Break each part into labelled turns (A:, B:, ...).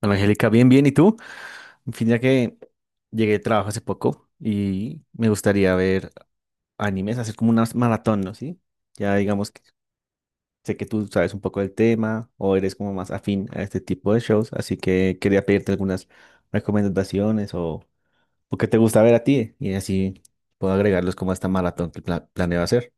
A: Hola, Angélica, bien, bien. ¿Y tú? En fin, ya que llegué de trabajo hace poco y me gustaría ver animes, hacer como una maratón, ¿no? ¿Sí? Ya digamos que sé que tú sabes un poco del tema o eres como más afín a este tipo de shows, así que quería pedirte algunas recomendaciones o qué te gusta ver a ti y así puedo agregarlos como a esta maratón que planeo hacer.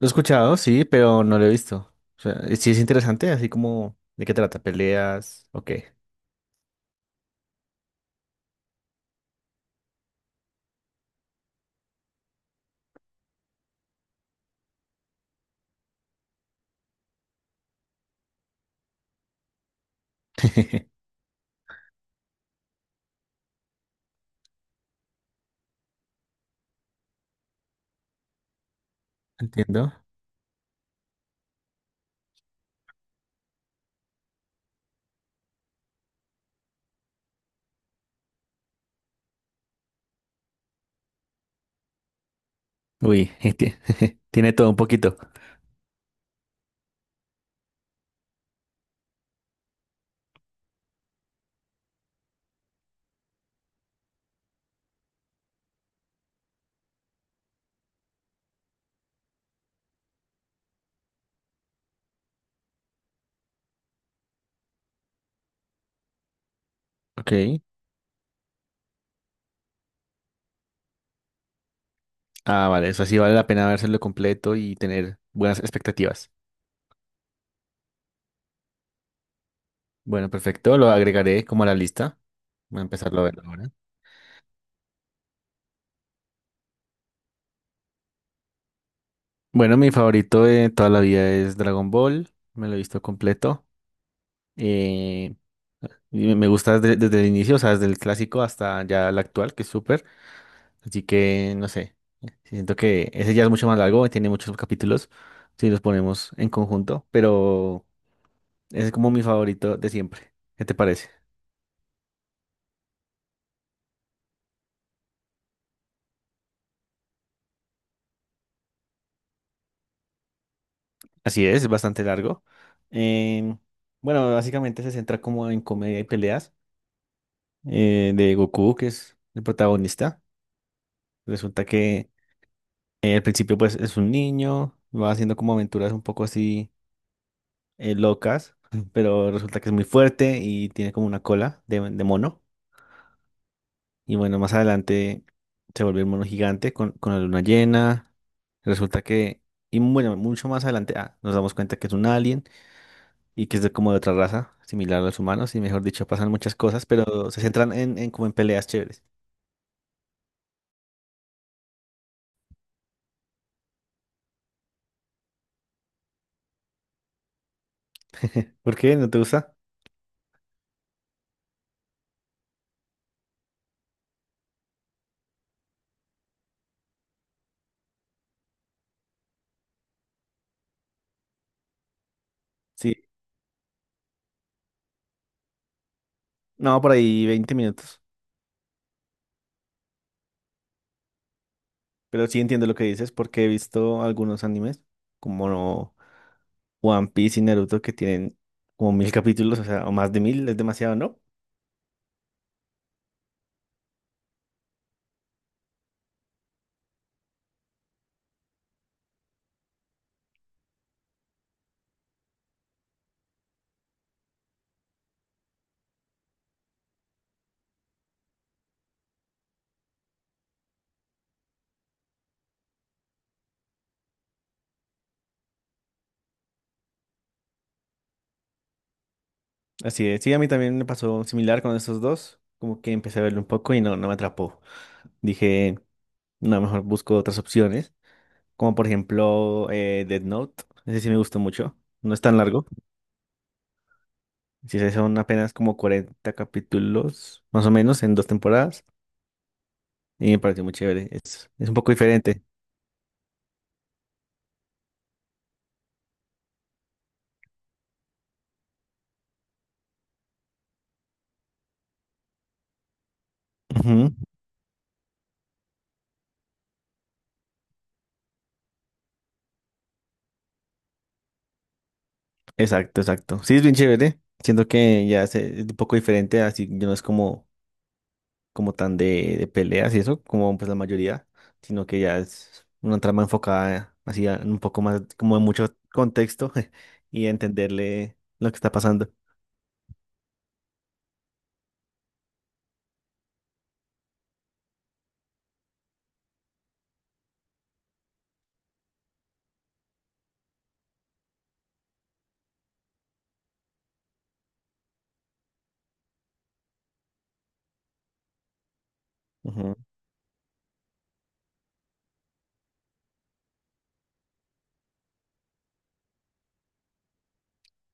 A: Lo he escuchado, sí, pero no lo he visto. O sea, sí es interesante, así como de qué trata, peleas, ok. Entiendo. Uy, tie- tiene todo un poquito. Ok. Ah, vale, eso sí vale la pena vérselo completo y tener buenas expectativas. Bueno, perfecto, lo agregaré como a la lista. Voy a empezarlo a ver ahora. Bueno, mi favorito de toda la vida es Dragon Ball. Me lo he visto completo. Eh, y me gusta desde el inicio, o sea, desde el clásico hasta ya el actual, que es súper. Así que, no sé, siento que ese ya es mucho más largo, tiene muchos capítulos si los ponemos en conjunto, pero... Es como mi favorito de siempre. ¿Qué te parece? Así es bastante largo. Em, bueno, básicamente se centra como en comedia y peleas de Goku, que es el protagonista. Resulta que al principio pues es un niño, va haciendo como aventuras un poco así locas, pero resulta que es muy fuerte y tiene como una cola de mono. Y bueno, más adelante se vuelve un mono gigante con la luna llena. Resulta que, y bueno, mucho más adelante nos damos cuenta que es un alien. Y que es de, como de otra raza, similar a los humanos, y mejor dicho, pasan muchas cosas, pero se centran en como en peleas chéveres. ¿Por qué? ¿No te gusta? Sí, no, por ahí 20 minutos, pero sí entiendo lo que dices porque he visto algunos animes, como One Piece y Naruto, que tienen como 1.000 capítulos, o sea, o más de 1.000, es demasiado, ¿no? Así es, sí, a mí también me pasó similar con esos dos, como que empecé a verlo un poco y no, no me atrapó. Dije, no, mejor busco otras opciones. Como por ejemplo Death Note. Ese sí me gustó mucho. No es tan largo. Sí, sí, son apenas como 40 capítulos, más o menos, en dos temporadas. Y me pareció muy chévere. Es un poco diferente. Ujú, exacto, exacto. Sí, es bien chévere. Siento que ya es un poco diferente, así ya no es como, como tan de peleas y eso, como pues la mayoría, sino que ya es una trama enfocada así un poco más, como en mucho contexto y a entenderle lo que está pasando.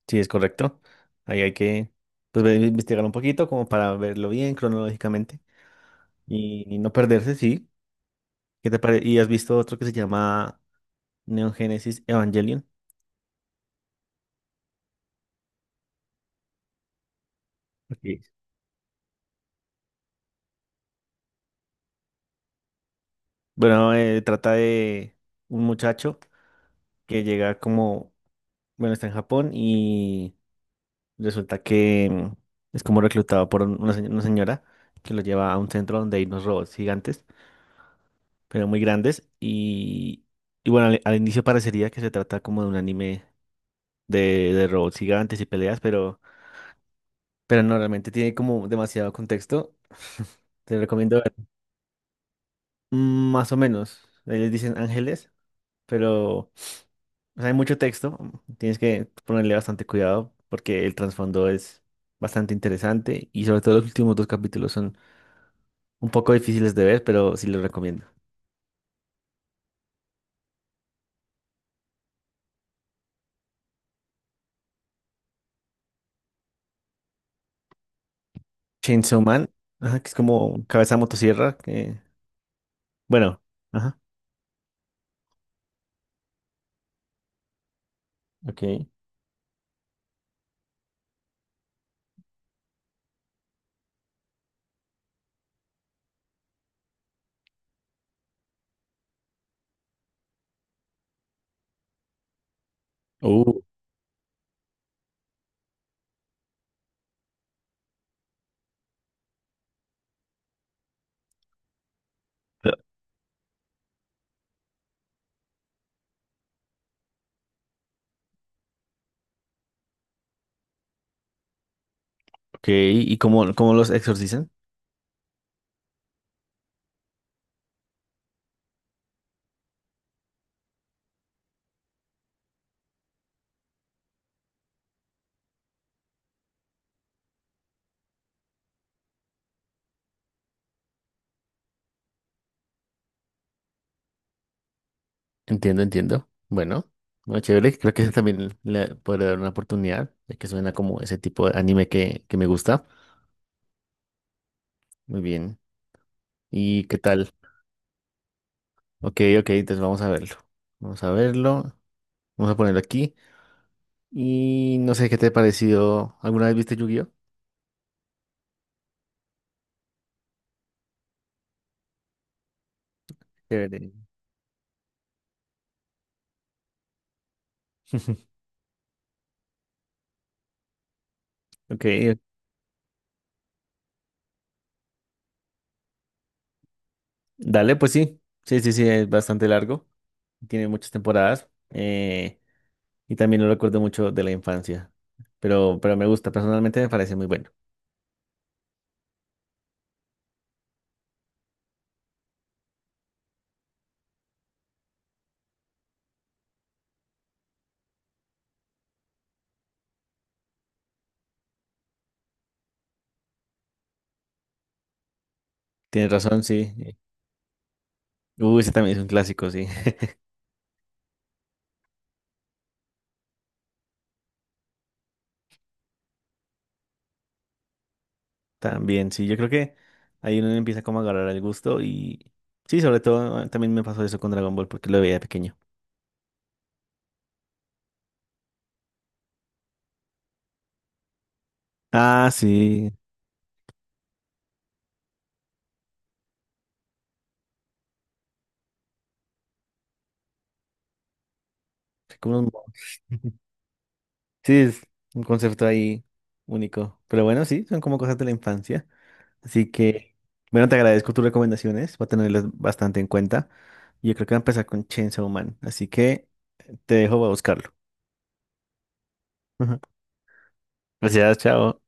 A: Sí, es correcto. Ahí hay que pues, investigar un poquito como para verlo bien cronológicamente y no perderse, sí. ¿Y has visto otro que se llama Neon Genesis Evangelion? Sí. Bueno, trata de un muchacho que llega como, bueno, está en Japón y resulta que es como reclutado por una señora que lo lleva a un centro donde hay unos robots gigantes, pero muy grandes y bueno, al inicio parecería que se trata como de un anime de robots gigantes y peleas, pero, no, realmente tiene como demasiado contexto. Te recomiendo ver. Más o menos. Ellos dicen ángeles, pero o sea, hay mucho texto. Tienes que ponerle bastante cuidado porque el trasfondo es bastante interesante y sobre todo los últimos dos capítulos son un poco difíciles de ver, pero sí los recomiendo. Chainsaw Man, ajá, que es como cabeza de motosierra, que bueno, ajá, ok. Uh, ok, ¿y cómo los exorcizan? Entiendo, entiendo. Bueno, bueno, chévere. Creo que ese también le podré dar una oportunidad, ya que suena como ese tipo de anime que me gusta. Muy bien. ¿Y qué tal? Ok, ok, entonces vamos a verlo. Vamos a verlo. Vamos a ponerlo aquí. Y no sé qué te ha parecido. ¿Alguna vez viste Yu-Gi-Oh? Chévere. Ok, dale, pues sí. Sí, sí, sí, es bastante largo. Tiene muchas temporadas. Eh, y también lo recuerdo mucho de la infancia. Pero me gusta, personalmente me parece muy bueno. Tienes razón, sí. Uy, ese también es un clásico, sí. También, sí. Yo creo que ahí uno empieza como a agarrar el gusto y... Sí, sobre todo también me pasó eso con Dragon Ball porque lo veía de pequeño. Ah, sí. Como un- Sí, es un concepto ahí único. Pero bueno, sí, son como cosas de la infancia. Así que, bueno, te agradezco tus recomendaciones. Voy a tenerlas bastante en cuenta. Yo creo que voy a empezar con Chainsaw Man. Así que te dejo, voy a buscarlo. Gracias, chao.